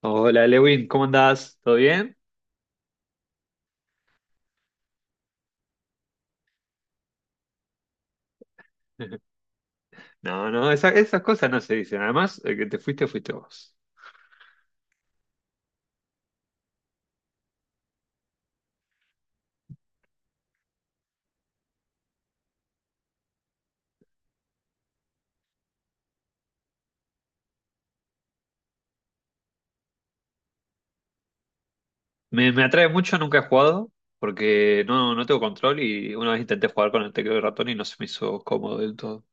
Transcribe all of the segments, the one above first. Hola Lewin, ¿cómo andás? ¿Todo bien? No, no, esa- esas cosas no se dicen. Además, el que te fuiste, fuiste vos. Me atrae mucho, nunca he jugado, porque no tengo control y una vez intenté jugar con el teclado y ratón y no se me hizo cómodo del todo.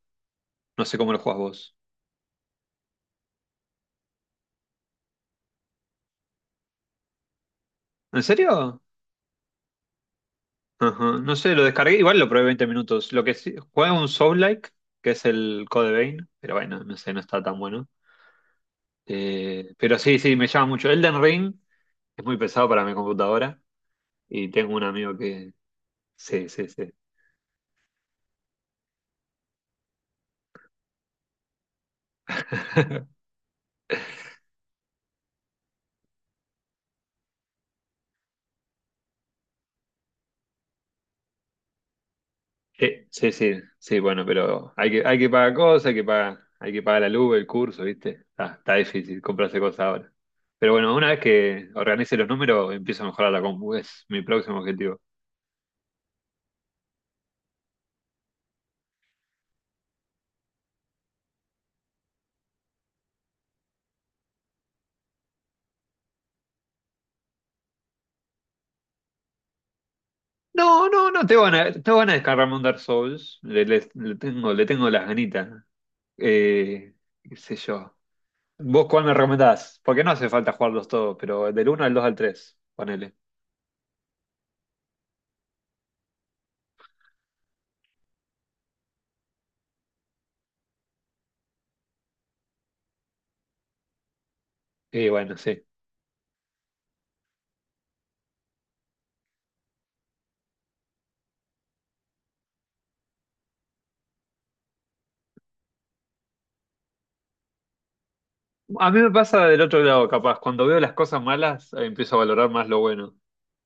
No sé cómo lo jugás vos. ¿En serio? Ajá, no sé, lo descargué, igual lo probé 20 minutos. Lo que sí, juega un Soul-like, que es el Code Vein, pero bueno, no sé, no está tan bueno. Pero sí, sí, me llama mucho. Elden Ring es muy pesado para mi computadora y tengo un amigo que Sí, sí, sí. Sí, sí, sí, bueno, pero hay que pagar cosas, hay que pagar la luz, el curso, ¿viste? Está difícil comprarse cosas ahora. Pero bueno, una vez que organice los números, empiezo a mejorar la compu, es mi próximo objetivo. No, no, no, te van a descargarme un Dark Souls, le, le tengo las ganitas. Eh, Qué sé yo. ¿Vos cuál me recomendás? Porque no hace falta jugarlos todos, pero del uno al 2 al 3 ponele. Y bueno, sí. A mí me pasa del otro lado, capaz. Cuando veo las cosas malas, empiezo a valorar más lo bueno.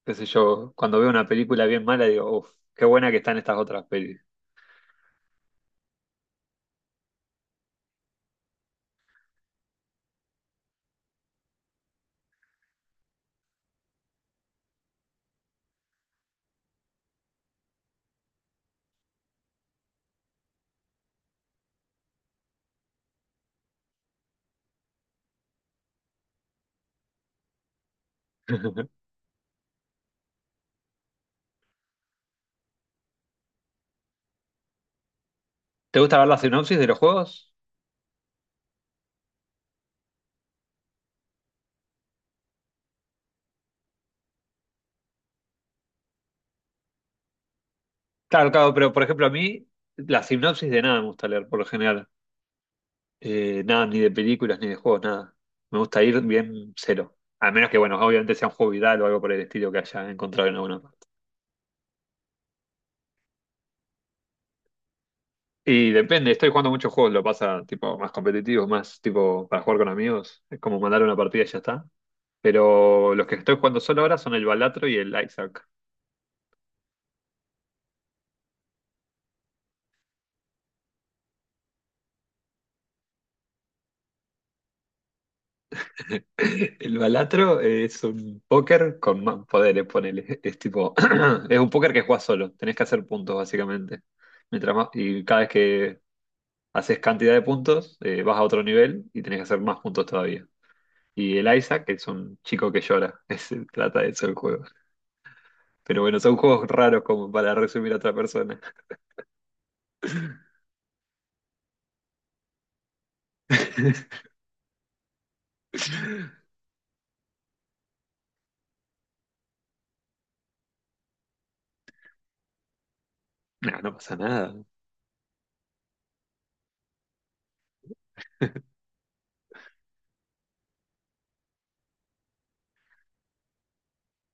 Qué sé yo, cuando veo una película bien mala, digo, uff, qué buena que están estas otras pelis. ¿Te gusta ver la sinopsis de los juegos? Claro, claro, pero por ejemplo a mí, la sinopsis de nada me gusta leer, por lo general. Nada, ni de películas, ni de juegos, nada. Me gusta ir bien cero. A menos que, bueno, obviamente sea un juego viral o algo por el estilo que haya encontrado en alguna Y depende, estoy jugando muchos juegos, lo pasa tipo más competitivos, más tipo para jugar con amigos, es como mandar una partida y ya está. Pero los que estoy jugando solo ahora son el Balatro y el Isaac. El Balatro es un póker con más poderes, ponele. Es tipo, es un póker que juegas solo, tenés que hacer puntos básicamente. Mientras más, y cada vez que haces cantidad de puntos, vas a otro nivel y tenés que hacer más puntos todavía. Y el Isaac es un chico que llora, es- trata de eso el juego. Pero bueno, son juegos raros como para resumir a otra persona. No, no pasa nada.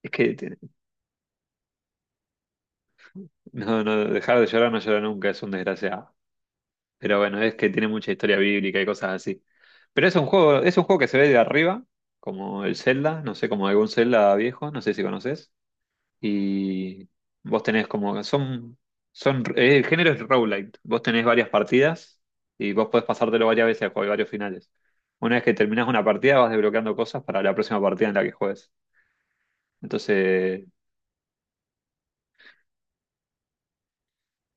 Es que te- no, no, dejar de llorar no llora nunca, es un desgraciado. Pero bueno, es que tiene mucha historia bíblica y cosas así. Pero es un juego que se ve de arriba, como el Zelda, no sé, como algún Zelda viejo, no sé si conoces. Y vos tenés como, son, el género es roguelite. Vos tenés varias partidas y vos podés pasártelo varias veces porque hay varios finales. Una vez que terminás una partida vas desbloqueando cosas para la próxima partida en la que juegues. Entonces,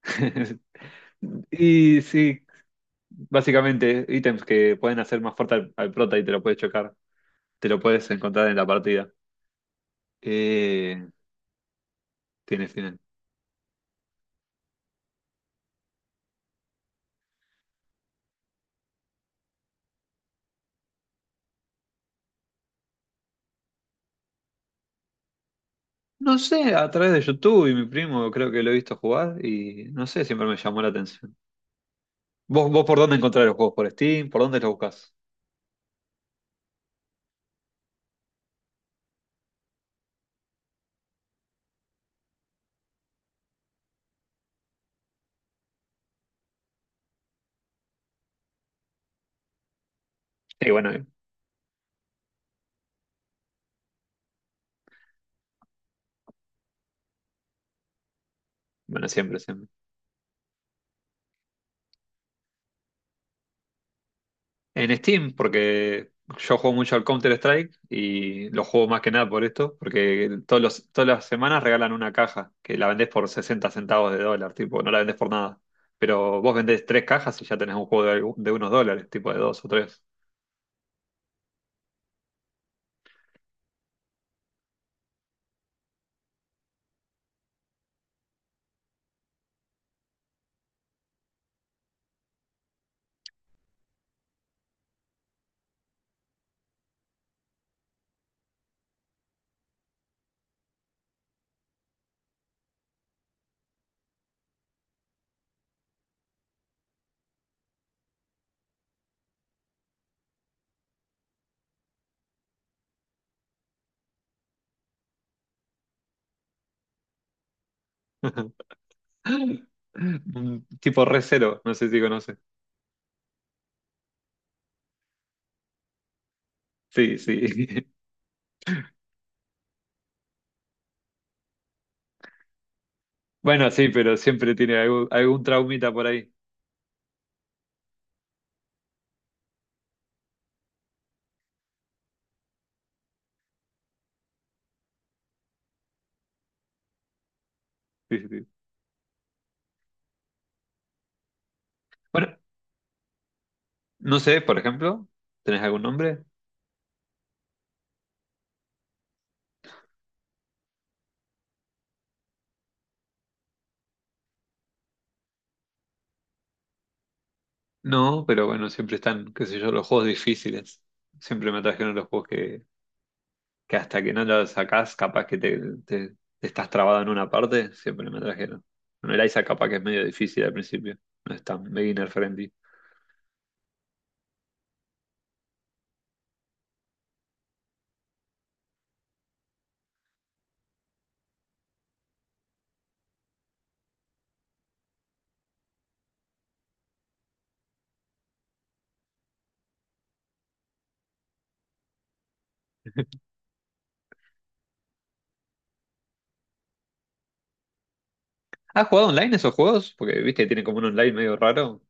y sí, básicamente ítems que pueden hacer más fuerte al, al prota y te lo puedes chocar, te lo puedes encontrar en la partida. Eh, Tiene final. No sé, a través de YouTube y mi primo creo que lo he visto jugar y no sé, siempre me llamó la atención. ¿Vos por dónde encontrás los juegos? ¿Por Steam? ¿Por dónde los buscas? Sí, bueno, bueno, siempre, siempre. En Steam, porque yo juego mucho al Counter-Strike y lo juego más que nada por esto, porque todas las semanas regalan una caja que la vendés por 60 centavos de dólar, tipo, no la vendés por nada. Pero vos vendés tres cajas y ya tenés un juego de, algu- de unos dólares, tipo de dos o tres. Un tipo re cero, no sé si conoces. Sí, sí. Bueno, sí, pero siempre tiene algún, algún traumita por ahí. Sí, sí, sí. Bueno, no sé, por ejemplo, ¿tenés algún nombre? No, pero bueno, siempre están, qué sé yo, los juegos difíciles. Siempre me atrajeron los juegos que hasta que no los sacás, capaz que te, te- te estás trabado en una parte, siempre me atrajeron. Bueno, el ISA capaz que es medio difícil al principio, no es tan beginner friendly. ¿Has jugado online esos juegos? Porque viste que tienen como un online medio raro.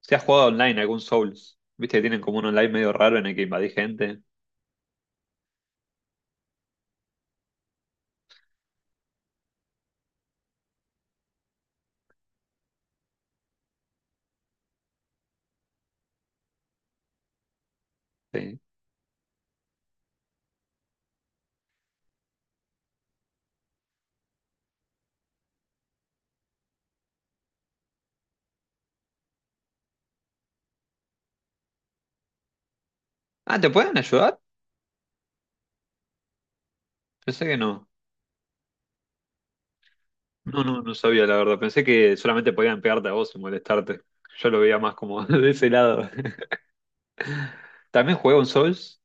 Si has jugado online algún Souls, viste que tienen como un online medio raro en el que invadís gente. Sí. Ah, ¿te pueden ayudar? Pensé que no. No, no, no sabía, la verdad. Pensé que solamente podían pegarte a vos y molestarte. Yo lo veía más como de ese lado. También jugué un Souls.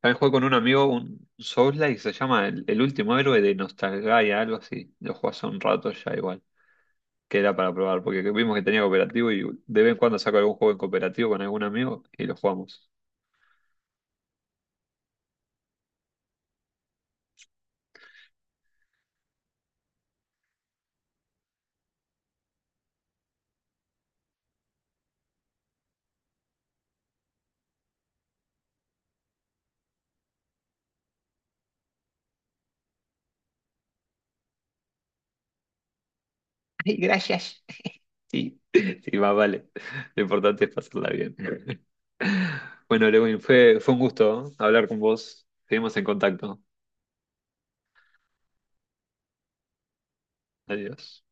También jugué con un amigo un Souls-like, se llama el último héroe de Nostalgaia, algo así. Lo jugué hace un rato ya igual. Que era para probar, porque vimos que tenía cooperativo y de vez en cuando saco algún juego en cooperativo con algún amigo y lo jugamos. Ay, gracias. Sí, sí, más vale. Lo importante es pasarla bien. Bueno, Lewin, fue un gusto, ¿eh? Hablar con vos. Seguimos en contacto. Adiós.